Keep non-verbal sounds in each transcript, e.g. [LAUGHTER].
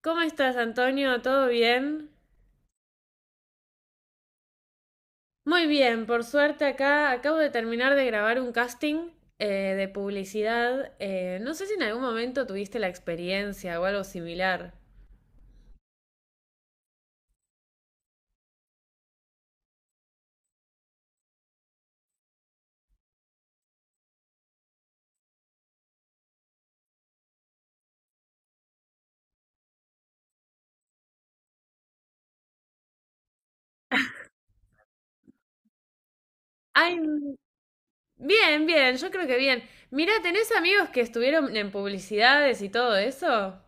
¿Cómo estás, Antonio? ¿Todo bien? Muy bien, por suerte acá acabo de terminar de grabar un casting eh, de publicidad. No sé si en algún momento tuviste la experiencia o algo similar. Ay, bien, bien, yo creo que bien. Mira, ¿tenés amigos que estuvieron en publicidades y todo eso?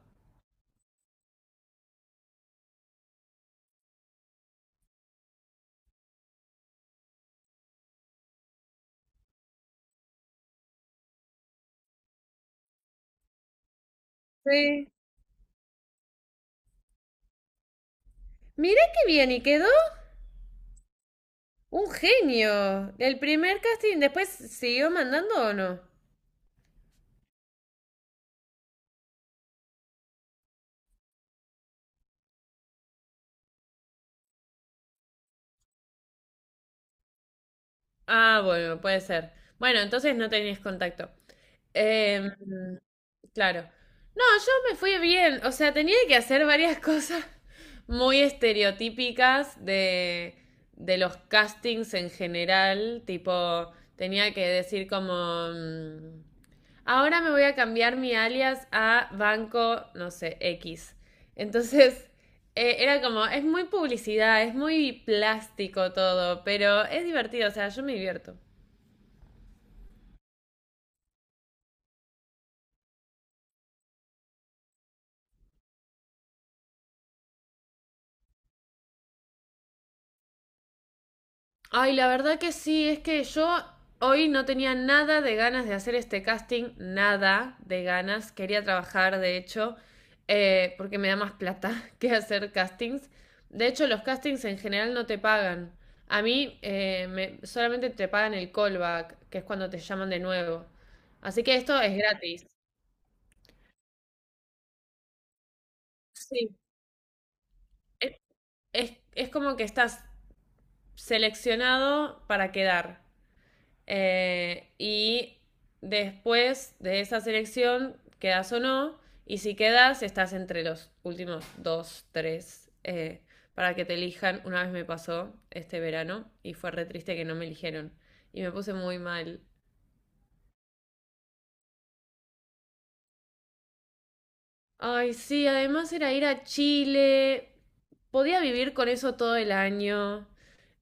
Sí. Mirá qué bien, ¿y quedó? Un genio. El primer casting, ¿después siguió mandando o no? Ah, bueno, puede ser. Bueno, entonces no tenías contacto. Em, Claro. No, yo me fui bien. O sea, tenía que hacer varias [LAUGHS] cosas muy estereotípicas de los castings en general. Tipo, tenía que decir como, ahora me voy a cambiar mi alias a Banco, no sé, X. Entonces, [LAUGHS] era como, es muy publicidad, es muy plástico todo, pero es divertido, o sea, yo me divierto. Ay, la verdad que sí, es que yo hoy no tenía nada de ganas de hacer este casting, nada de ganas. Quería trabajar, de hecho, porque me da más plata [LAUGHS] que hacer castings. De hecho, los castings en general no te pagan. A mí solamente te pagan el callback, que es cuando te llaman de nuevo. Así que esto es gratis. Sí. Es, es como que estás seleccionado para quedar. Y después de esa selección, quedas o no, y si quedas, estás entre los últimos dos, tres, para que te elijan. Una vez me pasó este verano y fue re triste que no me eligieron. Y me puse muy mal. Ay, sí, además era ir a Chile. Podía vivir con eso todo el año.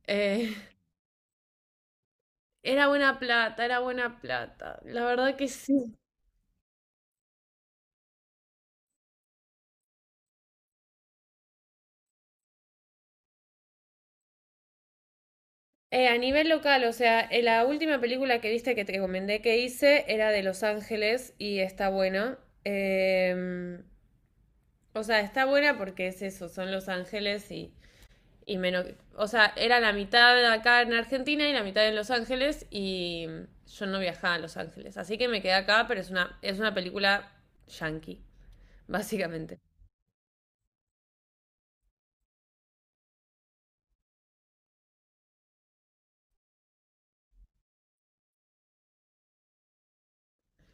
Eh, [LAUGHS] era buena plata, era buena plata. La verdad que sí. A nivel local, o sea, la última película que viste que te recomendé que hice era de Los Ángeles y está buena. Em, o sea, está buena porque es eso, son Los Ángeles y menos. O sea, era la mitad acá en Argentina y la mitad en Los Ángeles y yo no viajaba a Los Ángeles. Así que me quedé acá, pero es una película yankee, básicamente.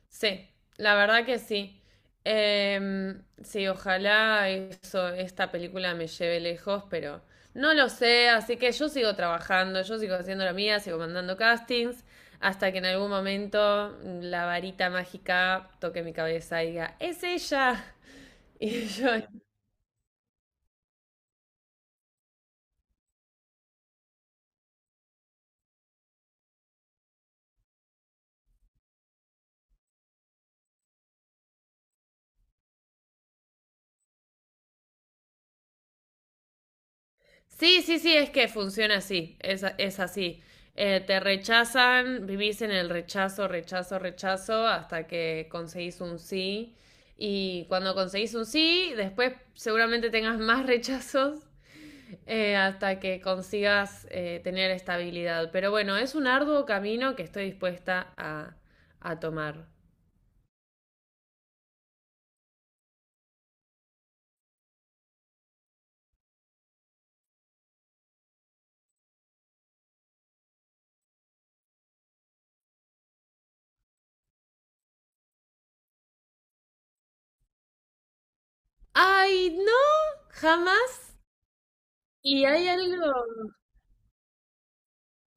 Sí, la verdad que sí. Sí, ojalá eso, esta película me lleve lejos, pero no lo sé, así que yo sigo trabajando, yo sigo haciendo la mía, sigo mandando castings, hasta que en algún momento la varita mágica toque mi cabeza y diga, es ella. [LAUGHS] Y yo Sí, sí, sí, es que funciona así, es así. Te rechazan, vivís en el rechazo, rechazo, rechazo, hasta que conseguís un sí. Y cuando conseguís un sí, después seguramente tengas más rechazos hasta que consigas tener estabilidad. Pero bueno, es un arduo camino que estoy dispuesta a tomar. ¡Ay, no! ¡Jamás! Y hay algo.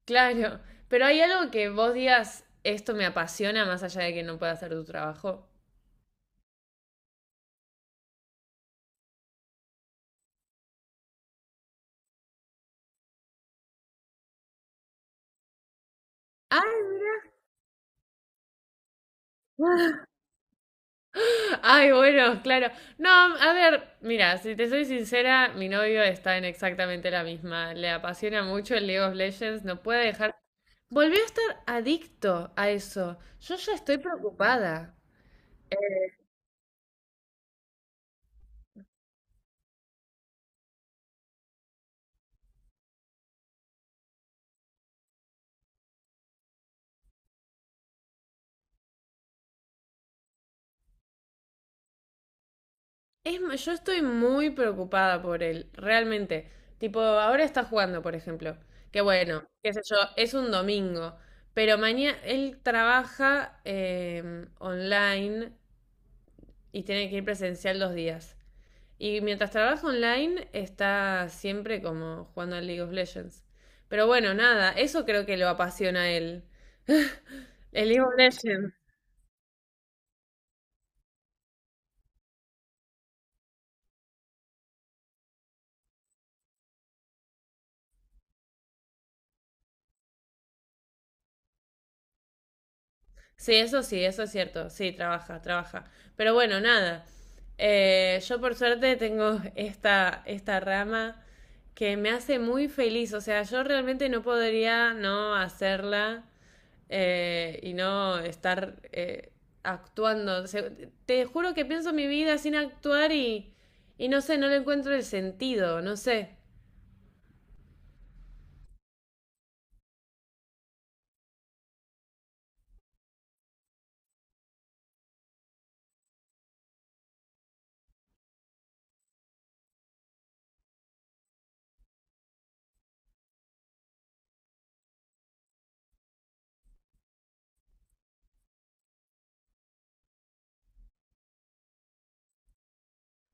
Claro, pero hay algo que vos digas, esto me apasiona más allá de que no pueda hacer tu trabajo. Ay, mira. [GASPS] [LAUGHS] Ay, bueno, claro. No, a ver, mira, si te soy sincera, mi novio está en exactamente la misma. Le apasiona mucho el League of Legends, no puede dejar. Volvió a estar adicto a eso. Yo ya estoy preocupada. Yo estoy muy preocupada por él, realmente. Tipo, ahora está jugando, por ejemplo. Que bueno, qué sé yo, es un domingo. Pero mañana él trabaja online y tiene que ir presencial 2 días. Y mientras trabaja online, está siempre como jugando al League of Legends. Pero bueno, nada, eso creo que lo apasiona a él. [LAUGHS] El League of Legends. Sí, eso es cierto. Sí, trabaja, trabaja. Pero bueno, nada. Yo por suerte tengo esta, rama que me hace muy feliz. O sea, yo realmente no podría no hacerla y no estar actuando. O sea, te juro que pienso mi vida sin actuar y no sé, no le encuentro el sentido, no sé.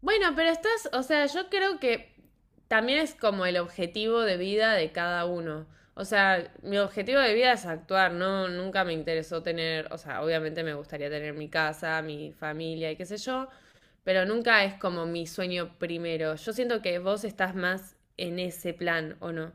Bueno, pero estás, o sea, yo creo que también es como el objetivo de vida de cada uno. O sea, mi objetivo de vida es actuar, no, nunca me interesó tener, o sea, obviamente me gustaría tener mi casa, mi familia y qué sé yo, pero nunca es como mi sueño primero. Yo siento que vos estás más en ese plan, ¿o no?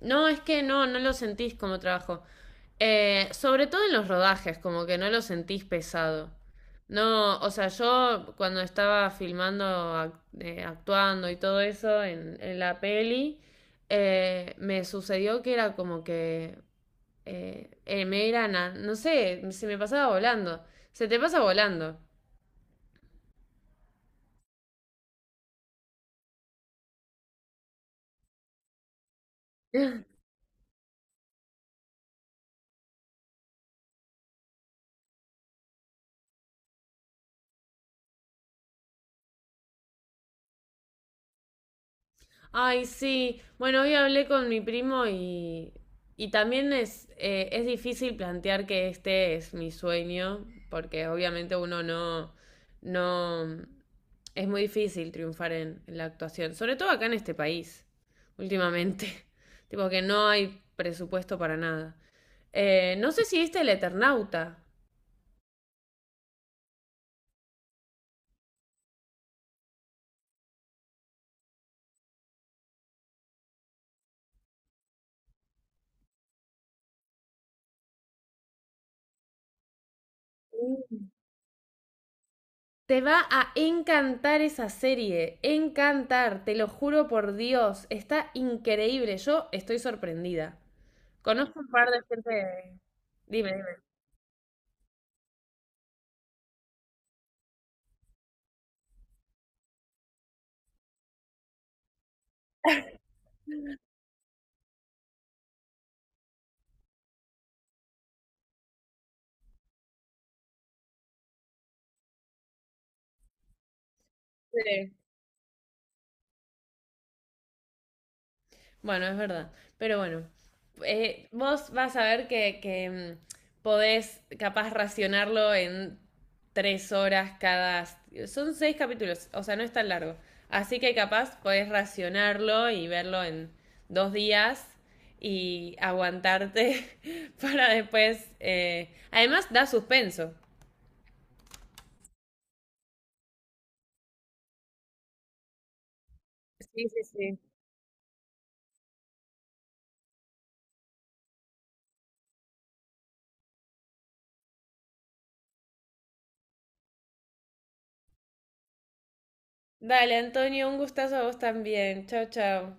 No, es que no, no lo sentís como trabajo. Sobre todo en los rodajes, como que no lo sentís pesado. No, o sea, yo cuando estaba filmando, actuando y todo eso en la peli, me sucedió que era como que no sé, se me pasaba volando. Se te pasa volando. Ay, sí. Bueno, hoy hablé con mi primo y también es difícil plantear que este es mi sueño, porque obviamente uno no, es muy difícil triunfar en la actuación, sobre todo acá en este país, últimamente. [LAUGHS] Tipo que no hay presupuesto para nada. No sé si viste El Eternauta. Te va a encantar esa serie, encantar, te lo juro por Dios, está increíble, yo estoy sorprendida. Conozco un par de gente. Dime, dime. Bueno, es verdad. Pero bueno, vos vas a ver que podés capaz racionarlo en 3 horas cada. Son 6 capítulos, o sea, no es tan largo. Así que capaz podés racionarlo y verlo en 2 días y aguantarte [LAUGHS] para después. Además, da suspenso. Sí, sí, sí. Dale, Antonio, un gustazo a vos también. Chao, chao.